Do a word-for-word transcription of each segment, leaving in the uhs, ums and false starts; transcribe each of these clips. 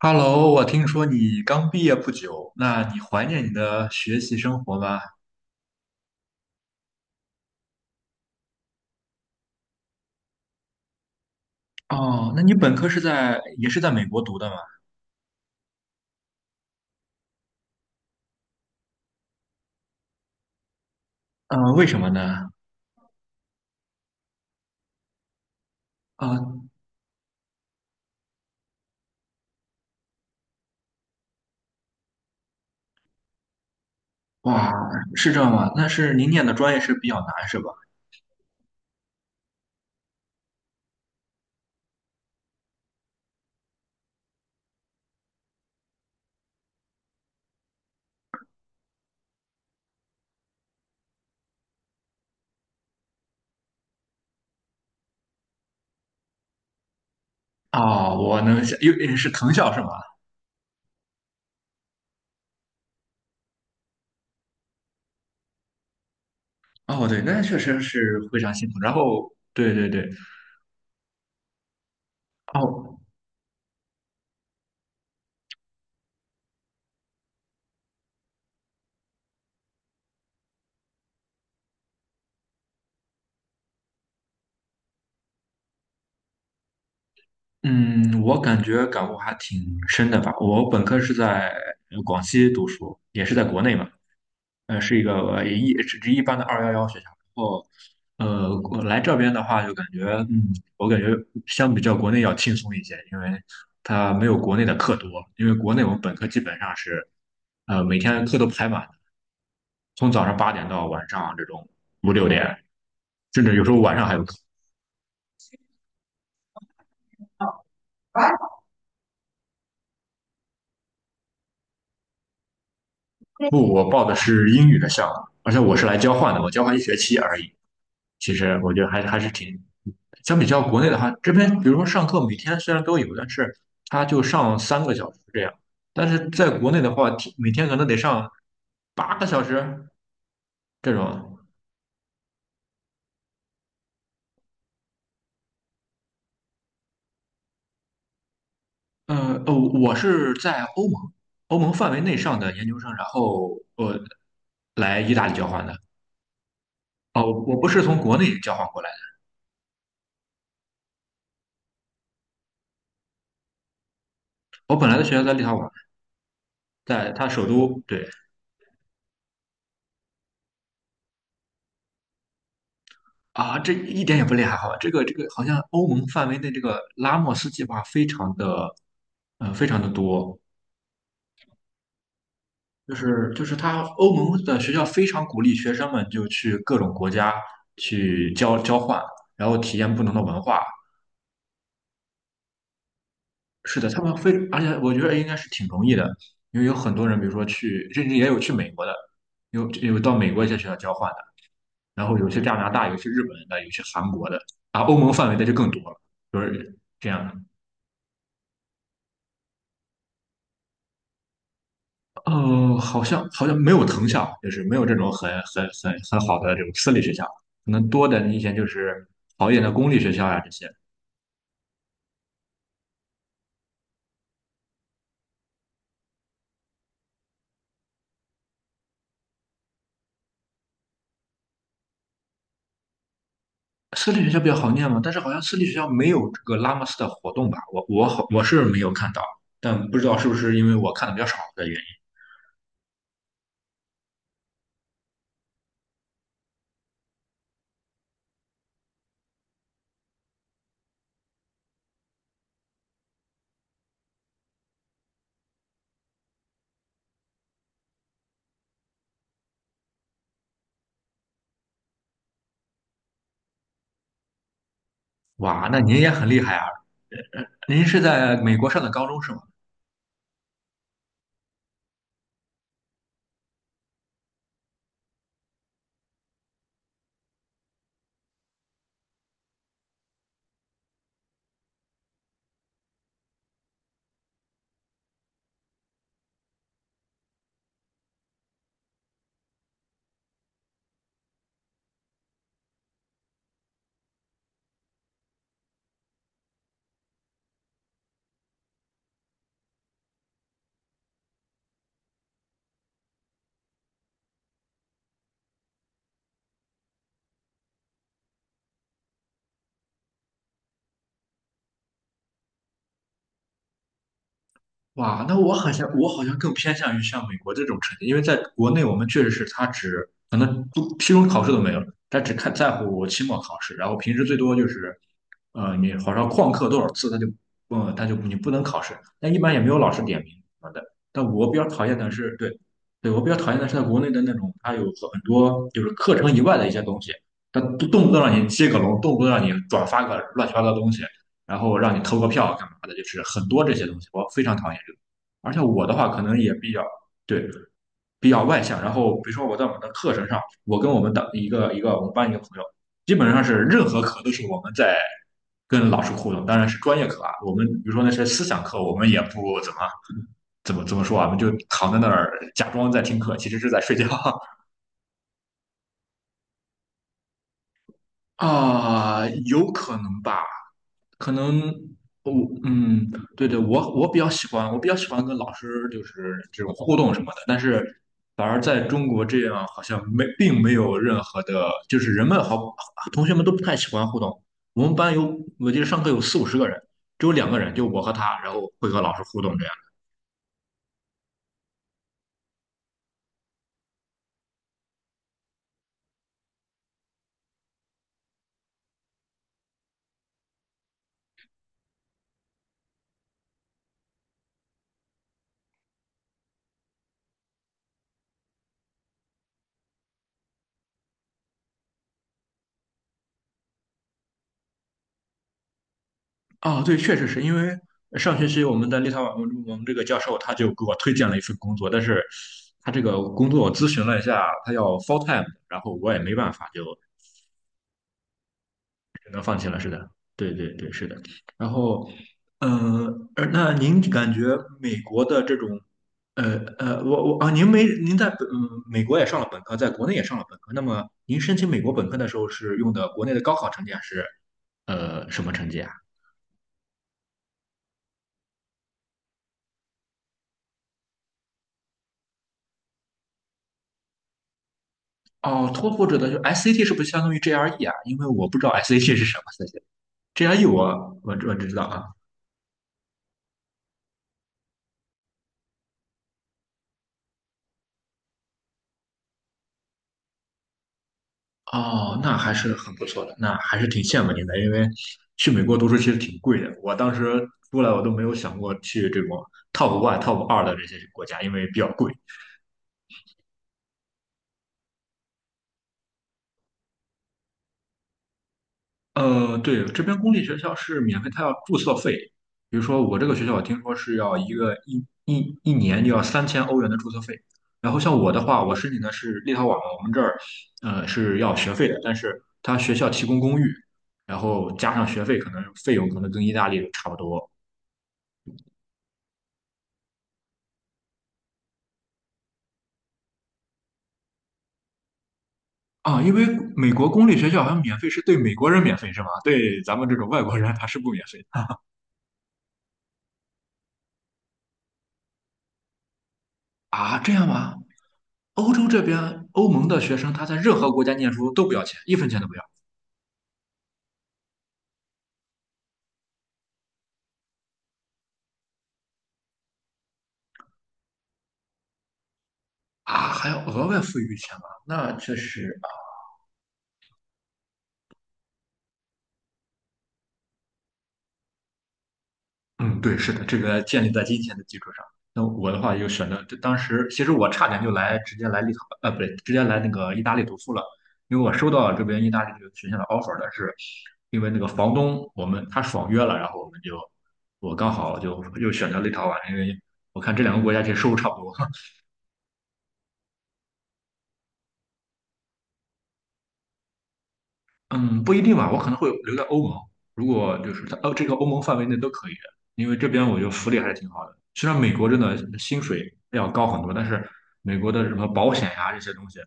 Hello，我听说你刚毕业不久，那你怀念你的学习生活吗？哦，那你本科是在也是在美国读的吗？呃，为什么呢？啊、哇，是这样吗？那是您念的专业是比较难是吧？哦，我能想，有是藤校是吗？哦，对，那确实是非常辛苦。然后，对对对，哦，嗯，我感觉感悟还挺深的吧。我本科是在广西读书，也是在国内嘛。呃，是一个呃一只是一般的二幺幺学校。然后，呃，我来这边的话，就感觉，嗯，我感觉相比较国内要轻松一些，因为它没有国内的课多。因为国内我们本科基本上是，呃，每天课都排满，从早上八点到晚上这种五六点，甚至有时候晚上还有课。不，我报的是英语的项目，而且我是来交换的，我交换一学期而已。其实我觉得还还是挺相比较国内的话，这边比如说上课每天虽然都有，但是他就上三个小时这样，但是在国内的话，天每天可能得上八个小时这种。呃，哦，我是在欧盟欧盟范围内上的研究生，然后我来意大利交换的。哦，我不是从国内交换过来的，我本来的学校在立陶宛，在它首都。对啊，这一点也不厉害哈。这个这个好像欧盟范围内这个拉莫斯计划非常的，呃，非常的多。就是就是他欧盟的学校非常鼓励学生们就去各种国家去交交换，然后体验不同的文化。是的，他们非而且我觉得应该是挺容易的，因为有很多人，比如说去，甚至也有去美国的，有有到美国一些学校交换的，然后有些加拿大，有些日本的，有些韩国的，啊，欧盟范围的就更多了，就是这样的。哦，好像好像没有藤校，就是没有这种很很很很好的这种私立学校，可能多的你以前就是好一点的公立学校呀、这些。私立学校比较好念嘛，但是好像私立学校没有这个拉莫斯的活动吧？我我好我是没有看到，但不知道是不是因为我看的比较少的原因。哇，那您也很厉害啊！呃呃您是在美国上的高中是吗？哇，那我好像我好像更偏向于像美国这种成绩，因为在国内我们确实是他只可能不期中考试都没有，他只看在乎期末考试，然后平时最多就是，呃，你好像旷课多少次，他就，嗯，他就你不能考试，但一般也没有老师点名什么的。但我比较讨厌的是，对，对我比较讨厌的是在国内的那种，他有很多就是课程以外的一些东西，他动不动让你接个龙，动不动让你转发个乱七八糟的东西。然后让你投个票干嘛的，就是很多这些东西，我非常讨厌这个。而且我的话可能也比较，对，比较外向，然后比如说我在我们的课程上，我跟我们的一个一个我们班一个朋友，基本上是任何课都是我们在跟老师互动，当然是专业课啊。我们比如说那些思想课，我们也不怎么怎么怎么说啊，我们就躺在那儿假装在听课，其实是在睡觉。 啊，有可能吧。可能我嗯，对对，我我比较喜欢，我比较喜欢跟老师就是这种互动什么的，但是反而在中国这样好像没并没有任何的，就是人们好同学们都不太喜欢互动。我们班有，我记得上课有四五十个人，只有两个人，就我和他，然后会和老师互动这样。啊，对，确实是因为上学期我们在立陶宛，我们这个教授他就给我推荐了一份工作，但是他这个工作我咨询了一下，他要 full time，然后我也没办法，就只能放弃了，是的，对对对，是的。然后，嗯、呃，而那您感觉美国的这种，呃呃，我我啊，您没您在嗯美国也上了本科，在国内也上了本科，那么您申请美国本科的时候是用的国内的高考成绩还是呃什么成绩啊？哦，托福指的就 S A T 是不是相当于 GRE 啊？因为我不知道 SAT 是什么，G R E 我我我只知道啊。哦，那还是很不错的，那还是挺羡慕您的，因为去美国读书其实挺贵的。我当时出来，我都没有想过去这种 top one、top 二的这些国家，因为比较贵。呃，对，这边公立学校是免费，它要注册费。比如说我这个学校，我听说是要一个一一一年就要三千欧元的注册费。然后像我的话，我申请的是立陶宛嘛，我们这儿呃是要学费的，但是他学校提供公寓，然后加上学费，可能费用可能跟意大利差不多。啊，因为美国公立学校好像免费是对美国人免费是吗？对咱们这种外国人他是不免费的啊？这样吗？欧洲这边欧盟的学生他在任何国家念书都不要钱，一分钱都不要啊？还要额外付一笔钱吗？那确实，嗯，对，是的，这个建立在金钱的基础上。那我的话又选择，这当时其实我差点就来直接来立陶，呃，不对，直接来那个意大利读书了，因为我收到这边意大利这个学校的 offer，的是因为那个房东我们他爽约了，然后我们就我刚好就又选择立陶宛，因为我看这两个国家其实收入差不多。嗯，不一定吧，我可能会留在欧盟。如果就是它欧这个欧盟范围内都可以，因为这边我觉得福利还是挺好的。虽然美国真的薪水要高很多，但是美国的什么保险呀、这些东西，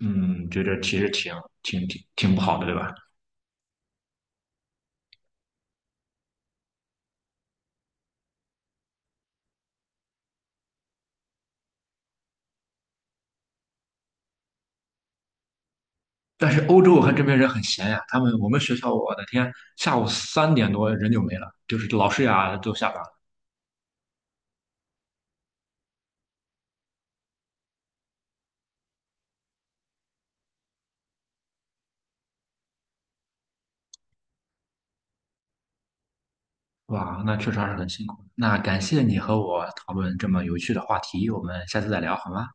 嗯，觉得其实挺挺挺挺不好的，对吧？但是欧洲我看这边人很闲呀，他们我们学校，我的天，下午三点多人就没了，就是老师呀都下班了。哇，那确实还是很辛苦。那感谢你和我讨论这么有趣的话题，我们下次再聊好吗？